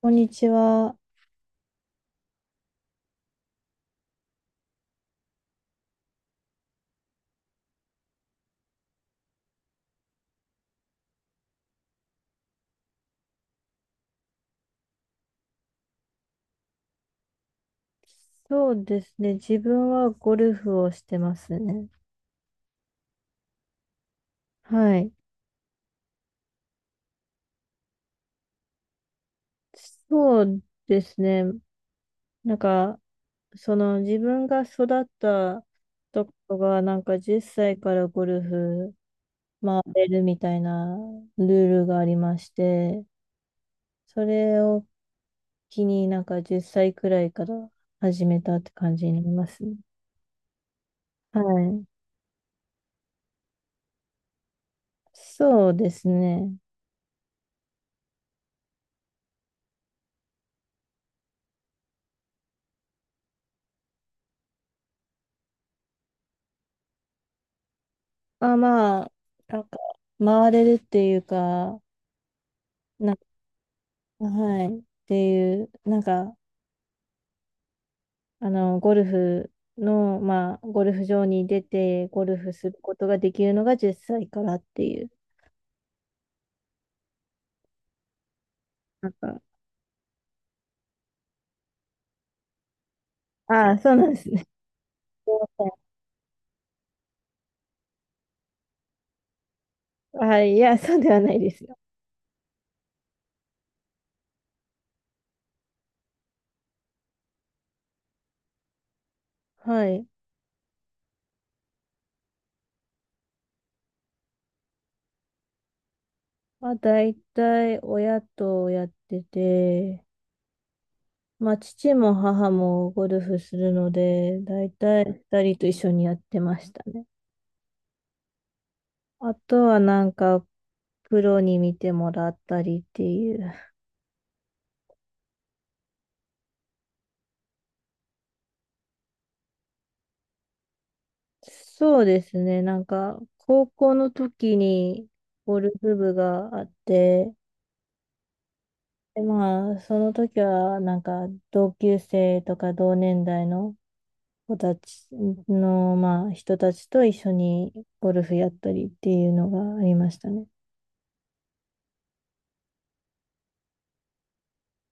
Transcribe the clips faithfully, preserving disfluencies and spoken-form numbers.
こんにちは。そうですね。自分はゴルフをしてますね。はい。そうですね。なんか、その自分が育ったところが、なんかじゅっさいからゴルフ回れるみたいなルールがありまして、それを機になんかじゅっさいくらいから始めたって感じになりますね。はい。そうですね。あ、まあ、なんか、回れるっていうか、な、はい。っていう、なんか、あの、ゴルフの、まあ、ゴルフ場に出て、ゴルフすることができるのがじゅっさいからっていう、なんか、ああ、そうなんですね。すいませんはい、いや、そうではないですよ。はい。まあ、大体、親とやってて、まあ、父も母もゴルフするので、大体二人と一緒にやってましたね。あとは、なんか、プロに見てもらったりっていう、そうですね。なんか、高校の時にゴルフ部があって、で、まあ、その時は、なんか、同級生とか同年代の子たちの、まあ、人たちと一緒にゴルフやったりっていうのがありましたね。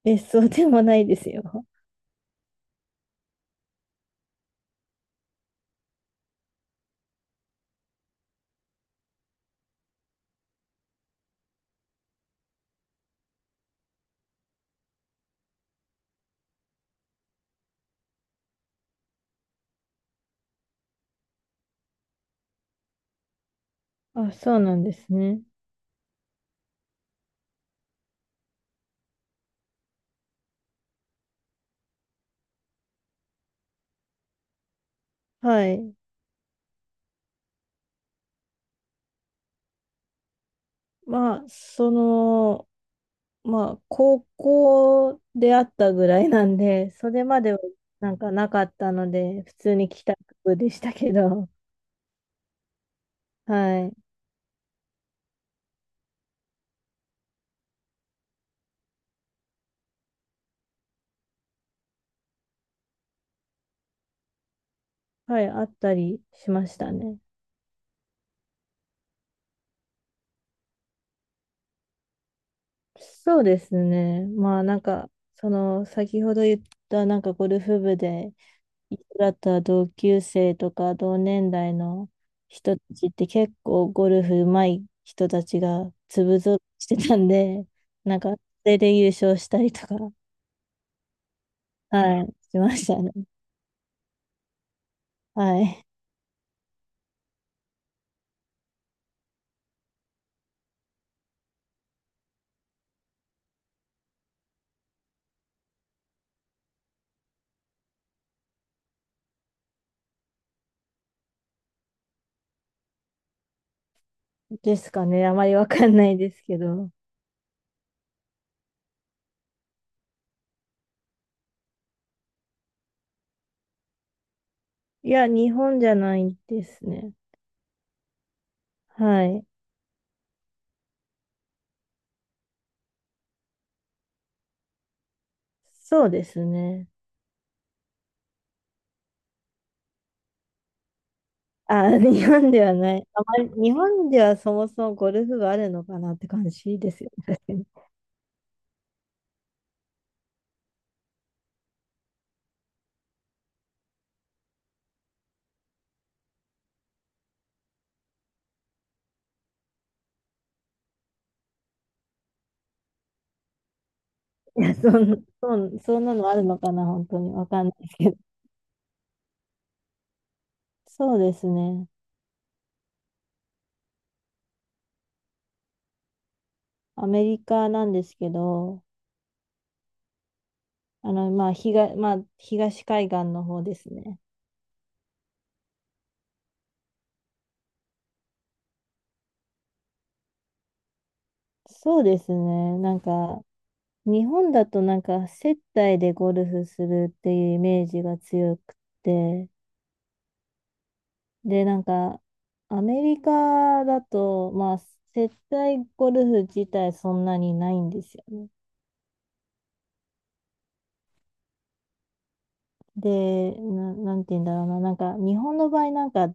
別荘でもないですよ。あ、そうなんですね。はい。まあ、その、まあ、高校であったぐらいなんで、それまではなんかなかったので、普通に帰宅部でしたけど、はい。はい、あったりしましたね。そうですね。まあ、なんか、その、先ほど言った、なんかゴルフ部で一緒だった同級生とか同年代の人たちって結構ゴルフ上手い人たちが粒ぞろいしてたんで、なんか、それで優勝したりとか、はい、しましたね。はい。ですかね。あまりわかんないですけど。いや、日本じゃないですね。はい。そうですね。あ、日本ではない。あまり、日本ではそもそもゴルフがあるのかなって感じですよね。確かに。いや、そん、そん、そんなのあるのかな、本当に。わかんないですけど。そうですね。アメリカなんですけど、あの、まあ、東、まあ、東海岸の方ですね。そうですね。なんか、日本だとなんか接待でゴルフするっていうイメージが強くって、で、なんかアメリカだとまあ、接待ゴルフ自体そんなにないんですよね。で、な、なんて言うんだろうな、なんか日本の場合なんか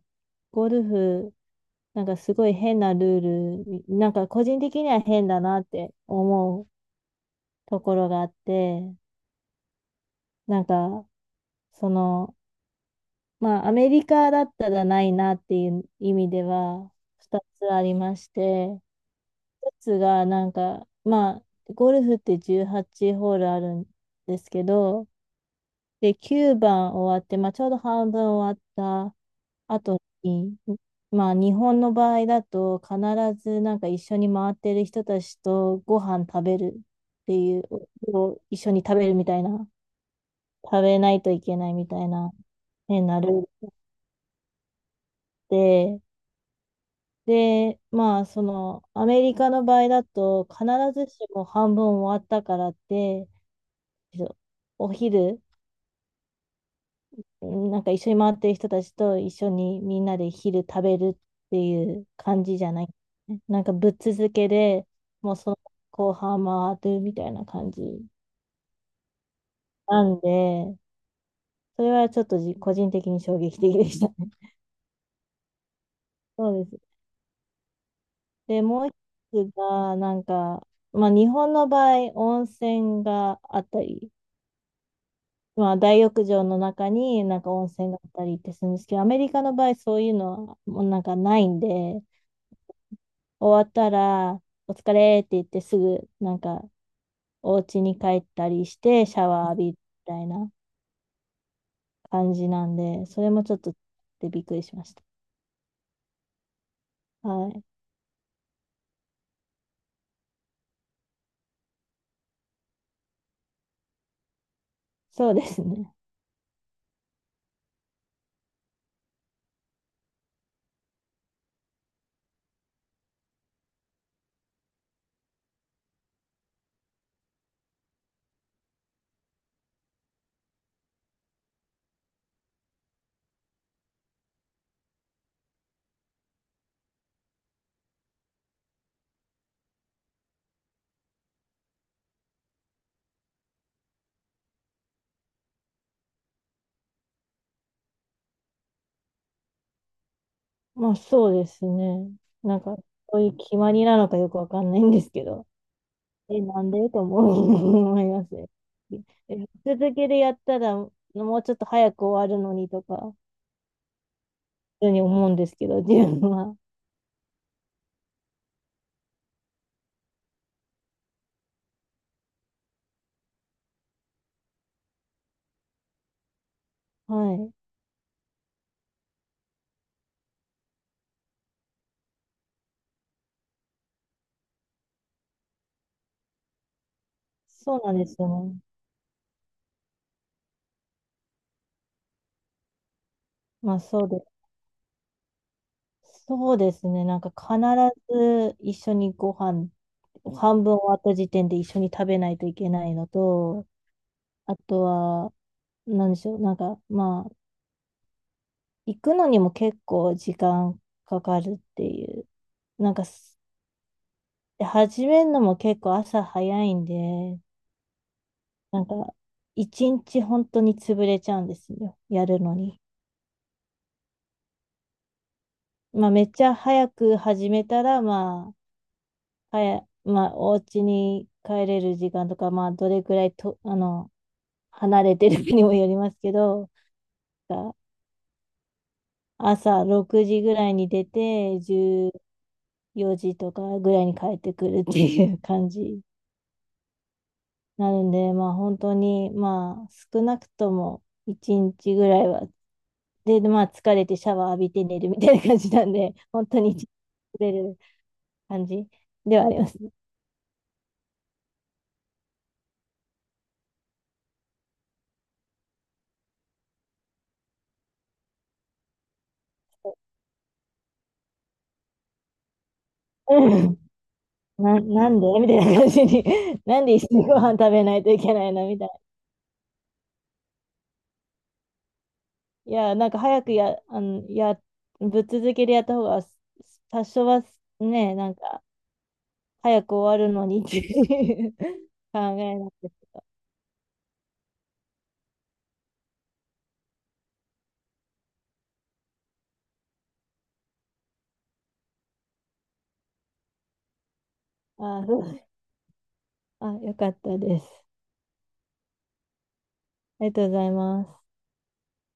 ゴルフ、なんかすごい変なルール、なんか個人的には変だなって思うところがあって、なんか、その、まあ、アメリカだったらないなっていう意味では、ふたつありまして、ひとつが、なんか、まあ、ゴルフってじゅうはちホールあるんですけど、で、きゅうばん終わって、まあ、ちょうど半分終わった後に、まあ、日本の場合だと、必ずなんか一緒に回ってる人たちとご飯食べるっていう、を一緒に食べるみたいな、食べないといけないみたいな変なルールで、で、まあ、その、アメリカの場合だと、必ずしも半分終わったからって、お昼、なんか一緒に回ってる人たちと一緒にみんなで昼食べるっていう感じじゃない。なんかぶっ続けで、もうその後半回るみたいな感じなんで、それはちょっとじ個人的に衝撃的でしたね。そうです。で、もう一つが、なんか、まあ日本の場合、温泉があったり、まあ、大浴場の中になんか温泉があったりってするんですけど、アメリカの場合そういうのはもうなんかないんで、終わったらお疲れって言ってすぐなんかお家に帰ったりしてシャワー浴びるみたいな感じなんで、それもちょっとでびっくりしました。はい。そうですね。まあそうですね。なんかそういう決まりなのかよくわかんないんですけど。え、なんでと思う 思いますね。え、続けてやったら、もうちょっと早く終わるのにとか、普通に思うんですけど、自分は。はい。そうなんですよね。まあ、そうです。そうですね。なんか必ず一緒にご飯、半分終わった時点で一緒に食べないといけないのと、あとは、なんでしょう。なんか、まあ、行くのにも結構時間かかるっていう。なんか、で、始めるのも結構朝早いんで、なんか、一日本当に潰れちゃうんですよ。やるのに。まあ、めっちゃ早く始めたら、まあ、早、まあ、お家に帰れる時間とか、まあ、どれくらいと、あの、離れてるかにもよりますけど、が朝ろくじぐらいに出て、じゅうよじとかぐらいに帰ってくるっていう感じになるんで、まあ、本当に、まあ、少なくともいちにちぐらいはで、まあ、疲れてシャワー浴びて寝るみたいな感じなんで、本当に一日疲れる感じではありますね。うん。 な、なんでみたいな感じに、なんで一緒にご飯食べないといけないのみたいな。いや、なんか早くや、あの、や、ぶっ続けでやった方が、多少はね、なんか、早く終わるのにっていう 考えなんですけど。あ、そうあ、よかったです。ありがとうございます。